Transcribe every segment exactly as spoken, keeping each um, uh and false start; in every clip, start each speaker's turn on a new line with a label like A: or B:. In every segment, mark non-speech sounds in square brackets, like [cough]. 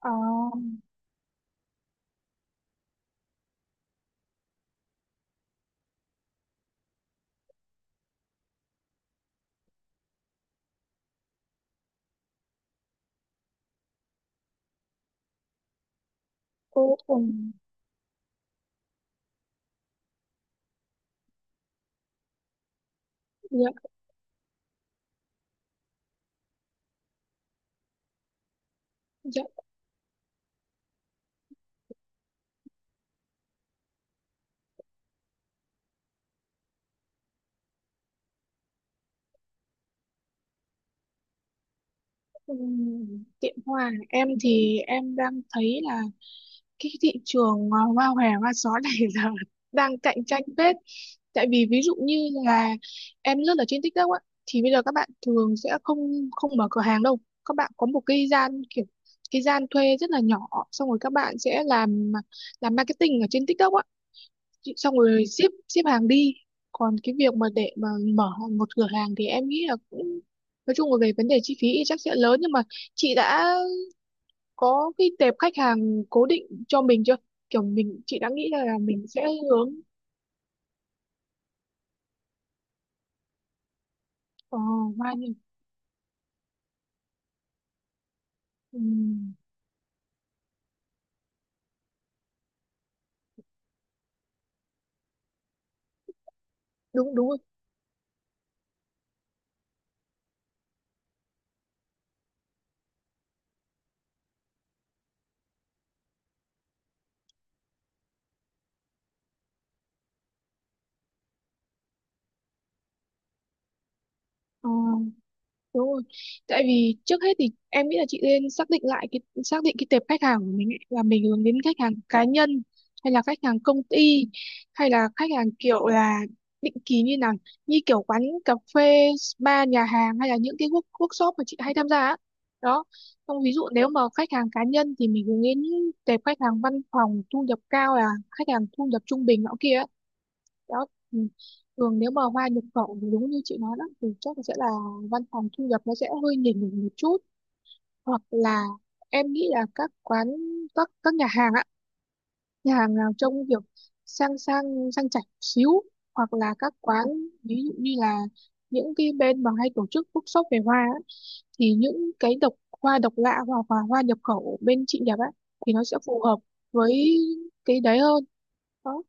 A: Ờ, cô cùng dạ, dạ, ừm, Tiệm hoa à? Em thì em đang thấy là cái thị trường ờ, hoa hòe hoa só này [laughs] giờ đang cạnh tranh phết, tại vì ví dụ như là em lướt ở trên TikTok á, thì bây giờ các bạn thường sẽ không không mở cửa hàng đâu, các bạn có một cái gian kiểu cái gian thuê rất là nhỏ, xong rồi các bạn sẽ làm làm marketing ở trên TikTok á, chị- xong rồi ship ship hàng đi. Còn cái việc mà để mà mở một cửa hàng thì em nghĩ là cũng nói chung là về vấn đề chi phí thì chắc sẽ lớn, nhưng mà chị đã có cái tệp khách hàng cố định cho mình chưa, kiểu mình chị đã nghĩ là mình sẽ hướng ờ bao nhiêu Ừm, đúng đúng rồi. Ờ. Đúng rồi. Tại vì trước hết thì em nghĩ là chị nên xác định lại cái xác định cái tệp khách hàng của mình ấy, là mình hướng đến khách hàng cá nhân hay là khách hàng công ty, hay là khách hàng kiểu là định kỳ như nào, như kiểu quán cà phê, spa, nhà hàng, hay là những cái work- workshop mà chị hay tham gia á. Đó. Xong ví dụ nếu mà khách hàng cá nhân thì mình hướng đến tệp khách hàng văn phòng thu nhập cao, là khách hàng thu nhập trung bình nọ kia. Đó, ừ. Thường nếu mà hoa nhập khẩu thì đúng như chị nói đó, thì chắc là sẽ là văn phòng thu nhập nó sẽ hơi nhỉnh nhỉnh một chút, hoặc là em nghĩ là các quán, các các nhà hàng ạ, nhà hàng nào trông kiểu sang sang sang chảnh xíu, hoặc là các quán ví dụ như là những cái bên mà hay tổ chức workshop về hoa á, thì những cái độc hoa độc lạ hoặc là hoa nhập khẩu bên chị nhập á thì nó sẽ phù hợp với cái đấy hơn. Đó.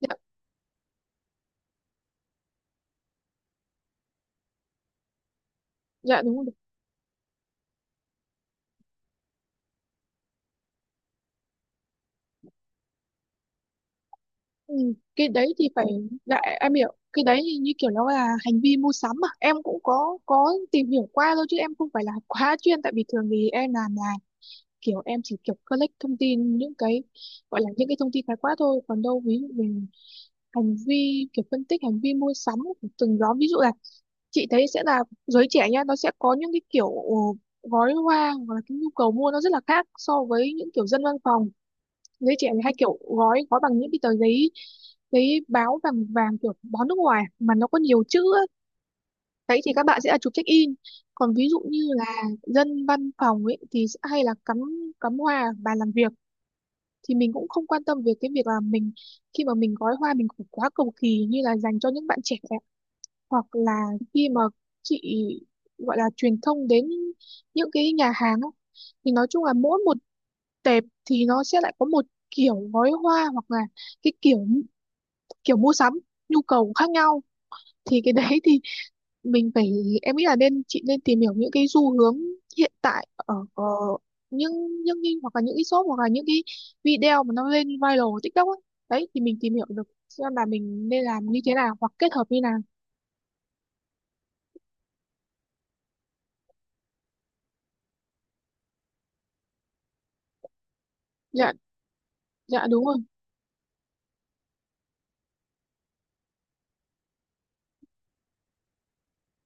A: Dạ dạ đúng rồi. Ừ, cái đấy thì phải lại em hiểu, cái đấy thì như kiểu nó là hành vi mua sắm mà em cũng có có tìm hiểu qua thôi, chứ em không phải là quá chuyên. Tại vì thường thì em làm là kiểu em chỉ kiểu collect thông tin, những cái gọi là những cái thông tin khái quát thôi. Còn đâu ví dụ về hành vi, kiểu phân tích hành vi mua sắm của từng nhóm, ví dụ là chị thấy sẽ là giới trẻ nha, nó sẽ có những cái kiểu ờ, gói hoa hoặc là cái nhu cầu mua nó rất là khác so với những kiểu dân văn phòng. Giới trẻ thì hay kiểu gói gói bằng những cái tờ giấy, giấy báo vàng vàng kiểu báo nước ngoài mà nó có nhiều chữ á. Đấy thì các bạn sẽ là chụp check in. Còn ví dụ như là dân văn phòng ấy thì sẽ hay là cắm cắm hoa ở bàn làm việc, thì mình cũng không quan tâm về cái việc là mình khi mà mình gói hoa mình cũng quá cầu kỳ như là dành cho những bạn trẻ. Hoặc là khi mà chị gọi là truyền thông đến những cái nhà hàng á, thì nói chung là mỗi một đẹp thì nó sẽ lại có một kiểu gói hoa hoặc là cái kiểu kiểu mua sắm, nhu cầu khác nhau. Thì cái đấy thì mình phải em nghĩ là nên chị nên tìm hiểu những cái xu hướng hiện tại ở, ở những những cái hoặc là những cái shop hoặc là những cái video mà nó lên viral TikTok ấy. Đấy thì mình tìm hiểu được xem là mình nên làm như thế nào hoặc kết hợp như nào. Dạ dạ đúng rồi,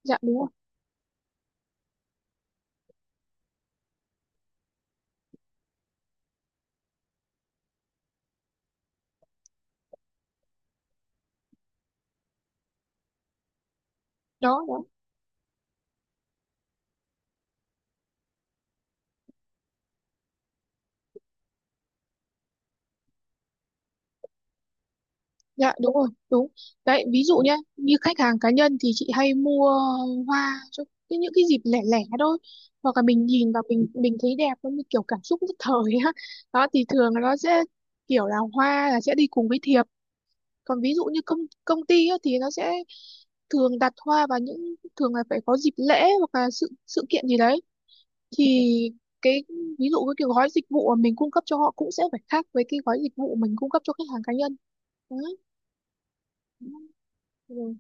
A: dạ đúng rồi. Đó đó. Dạ đúng rồi, đúng. Đấy, ví dụ nhá, như khách hàng cá nhân thì chị hay mua hoa cho cái những cái dịp lẻ lẻ thôi. Hoặc là mình nhìn vào mình mình thấy đẹp, nó như kiểu cảm xúc nhất thời á. Đó thì thường là nó sẽ kiểu là hoa là sẽ đi cùng với thiệp. Còn ví dụ như công công ty á, thì nó sẽ thường đặt hoa vào những, thường là phải có dịp lễ hoặc là sự sự kiện gì đấy. Thì cái ví dụ cái kiểu gói dịch vụ mà mình cung cấp cho họ cũng sẽ phải khác với cái gói dịch vụ mình cung cấp cho khách hàng cá nhân. Đó. Ừ.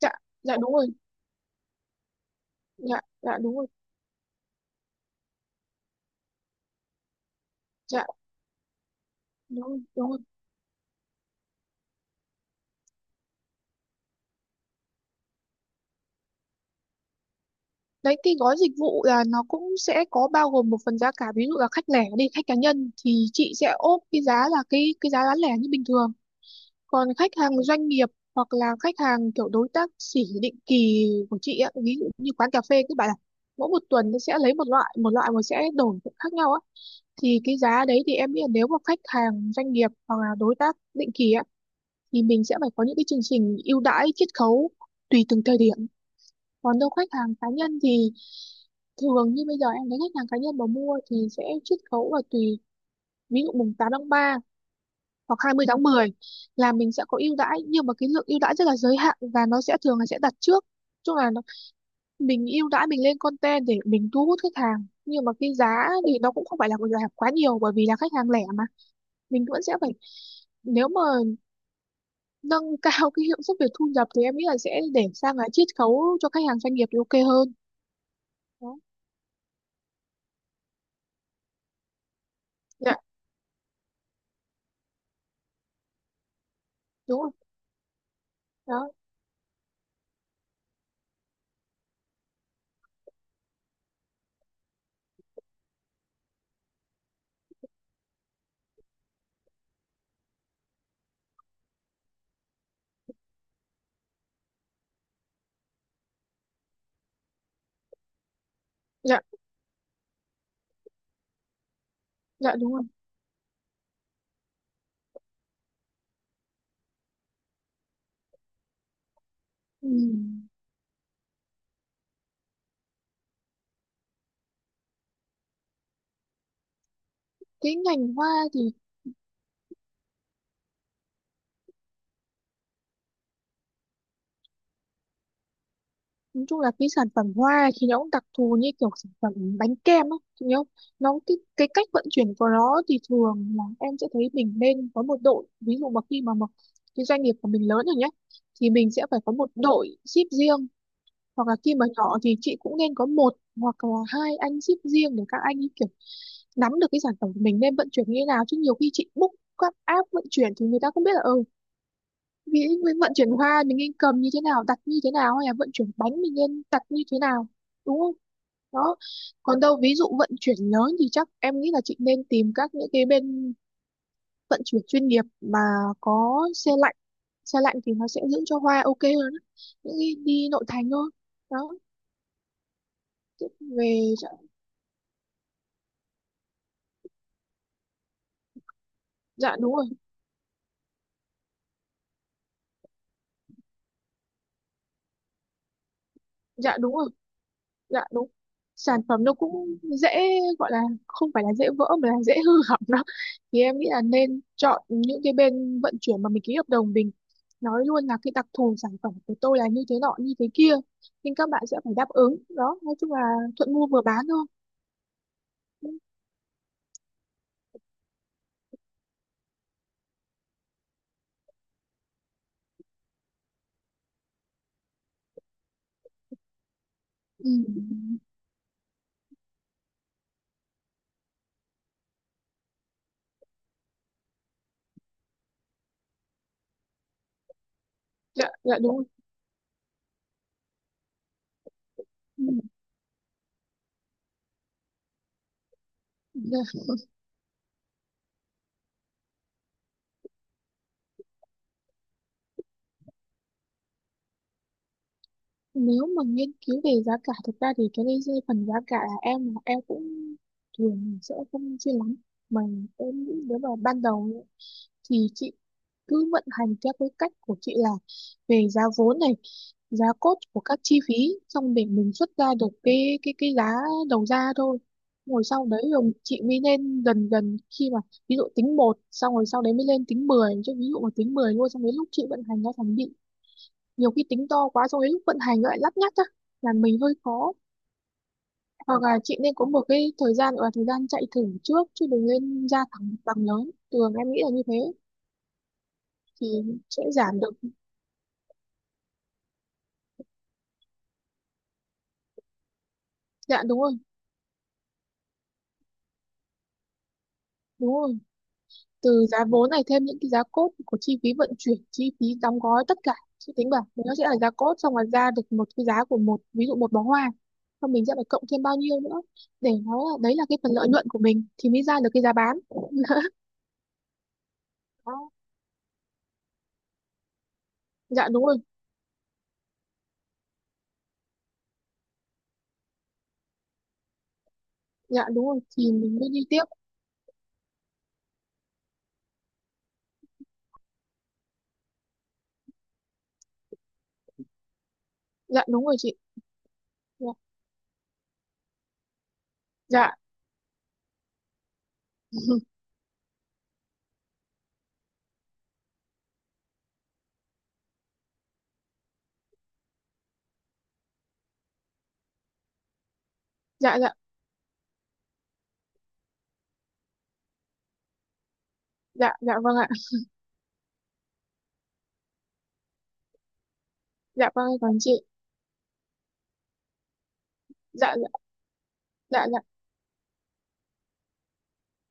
A: Dạ dạ đúng rồi, dạ dạ đúng rồi, dạ đúng rồi, đúng rồi. Đấy cái gói dịch vụ là nó cũng sẽ có bao gồm một phần giá cả, ví dụ là khách lẻ đi, khách cá nhân thì chị sẽ ốp cái giá là cái cái giá bán lẻ như bình thường. Còn khách hàng doanh nghiệp hoặc là khách hàng kiểu đối tác sỉ định kỳ của chị á, ví dụ như quán cà phê các bạn, là mỗi một tuần nó sẽ lấy một loại một loại mà sẽ đổi khác nhau á, thì cái giá đấy thì em nghĩ là nếu mà khách hàng doanh nghiệp hoặc là đối tác định kỳ á thì mình sẽ phải có những cái chương trình ưu đãi chiết khấu tùy từng thời điểm. Còn đâu khách hàng cá nhân thì thường như bây giờ em thấy khách hàng cá nhân mà mua thì sẽ chiết khấu là tùy, ví dụ mùng tám tháng ba hoặc hai mươi tháng mười là mình sẽ có ưu đãi, nhưng mà cái lượng ưu đãi rất là giới hạn và nó sẽ thường là sẽ đặt trước. Chung là nó, mình ưu đãi mình lên content để mình thu hút khách hàng, nhưng mà cái giá thì nó cũng không phải là giảm quá nhiều, bởi vì là khách hàng lẻ mà. Mình vẫn sẽ phải, nếu mà nâng cao cái hiệu suất về thu nhập thì em nghĩ là sẽ để sang là chiết khấu cho khách hàng doanh nghiệp thì ok hơn. Đó. Dạ đúng rồi. Đó. Dạ dạ đúng rồi. Ừ. Cái ngành hoa thì nói chung là cái sản phẩm hoa thì nó cũng đặc thù như kiểu sản phẩm bánh kem á, chị nhớ không? Nó cái, cái cách vận chuyển của nó thì thường là em sẽ thấy mình nên có một đội, ví dụ mà khi mà một cái doanh nghiệp của mình lớn rồi nhé thì mình sẽ phải có một đội ship riêng, hoặc là khi mà nhỏ thì chị cũng nên có một hoặc là hai anh ship riêng để các anh ấy kiểu nắm được cái sản phẩm của mình nên vận chuyển như thế nào. Chứ nhiều khi chị book các app vận chuyển thì người ta không biết là, ừ, vì mình vận chuyển hoa mình nên cầm như thế nào, đặt như thế nào, hay là vận chuyển bánh mình nên đặt như thế nào, đúng không? Đó. Còn đâu ví dụ vận chuyển lớn thì chắc em nghĩ là chị nên tìm các những cái bên vận chuyển chuyên nghiệp mà có xe lạnh. Xe lạnh thì nó sẽ giữ cho hoa ok hơn á, những cái đi nội thành thôi. Đó. Thế về, dạ, dạ đúng rồi, dạ đúng rồi, dạ đúng. Sản phẩm nó cũng dễ, gọi là không phải là dễ vỡ mà là dễ hư hỏng đó, thì em nghĩ là nên chọn những cái bên vận chuyển mà mình ký hợp đồng, mình nói luôn là cái đặc thù sản phẩm của tôi là như thế nọ như thế kia, nên các bạn sẽ phải đáp ứng. Đó, nói chung là thuận mua vừa bán thôi. Ừ. Dạ dạ đúng rồi. Ừ, dạ. Nếu mà nghiên cứu về giá cả thực ra thì cái đây phần giá cả là em em cũng thường sẽ không chuyên lắm, mà em nghĩ nếu mà ban đầu thì chị cứ vận hành theo cái cách của chị là về giá vốn này, giá cốt của các chi phí, xong để mình xuất ra được cái cái cái giá đầu ra thôi. Rồi sau đấy rồi chị mới lên dần dần, khi mà ví dụ tính một, xong rồi sau đấy mới lên tính mười. Chứ ví dụ mà tính mười luôn xong đến lúc chị vận hành nó thành bị, nhiều khi tính to quá xong đến lúc vận hành lại lắt nhắt á là mình hơi khó. Hoặc là chị nên có một cái thời gian gọi là thời gian chạy thử trước, chứ đừng nên ra thẳng bằng lớn, thường em nghĩ là như thế thì sẽ giảm được. Dạ đúng rồi, đúng rồi. Từ giá vốn này thêm những cái giá cốt của chi phí vận chuyển, chi phí đóng gói tất cả, chị tính bảo thì nó sẽ là giá cốt, xong rồi ra được một cái giá của một ví dụ một bó hoa. Xong mình sẽ phải cộng thêm bao nhiêu nữa để nó là, đấy là cái phần lợi nhuận của mình, thì mới ra được cái giá bán. [laughs] Đó. Dạ đúng rồi, dạ đúng rồi thì mình mới đi tiếp. Dạ đúng rồi chị. Dạ dạ [laughs] dạ dạ dạ, dạ vâng ạ. Dạ vâng còn chị. Dạ dạ dạ dạ.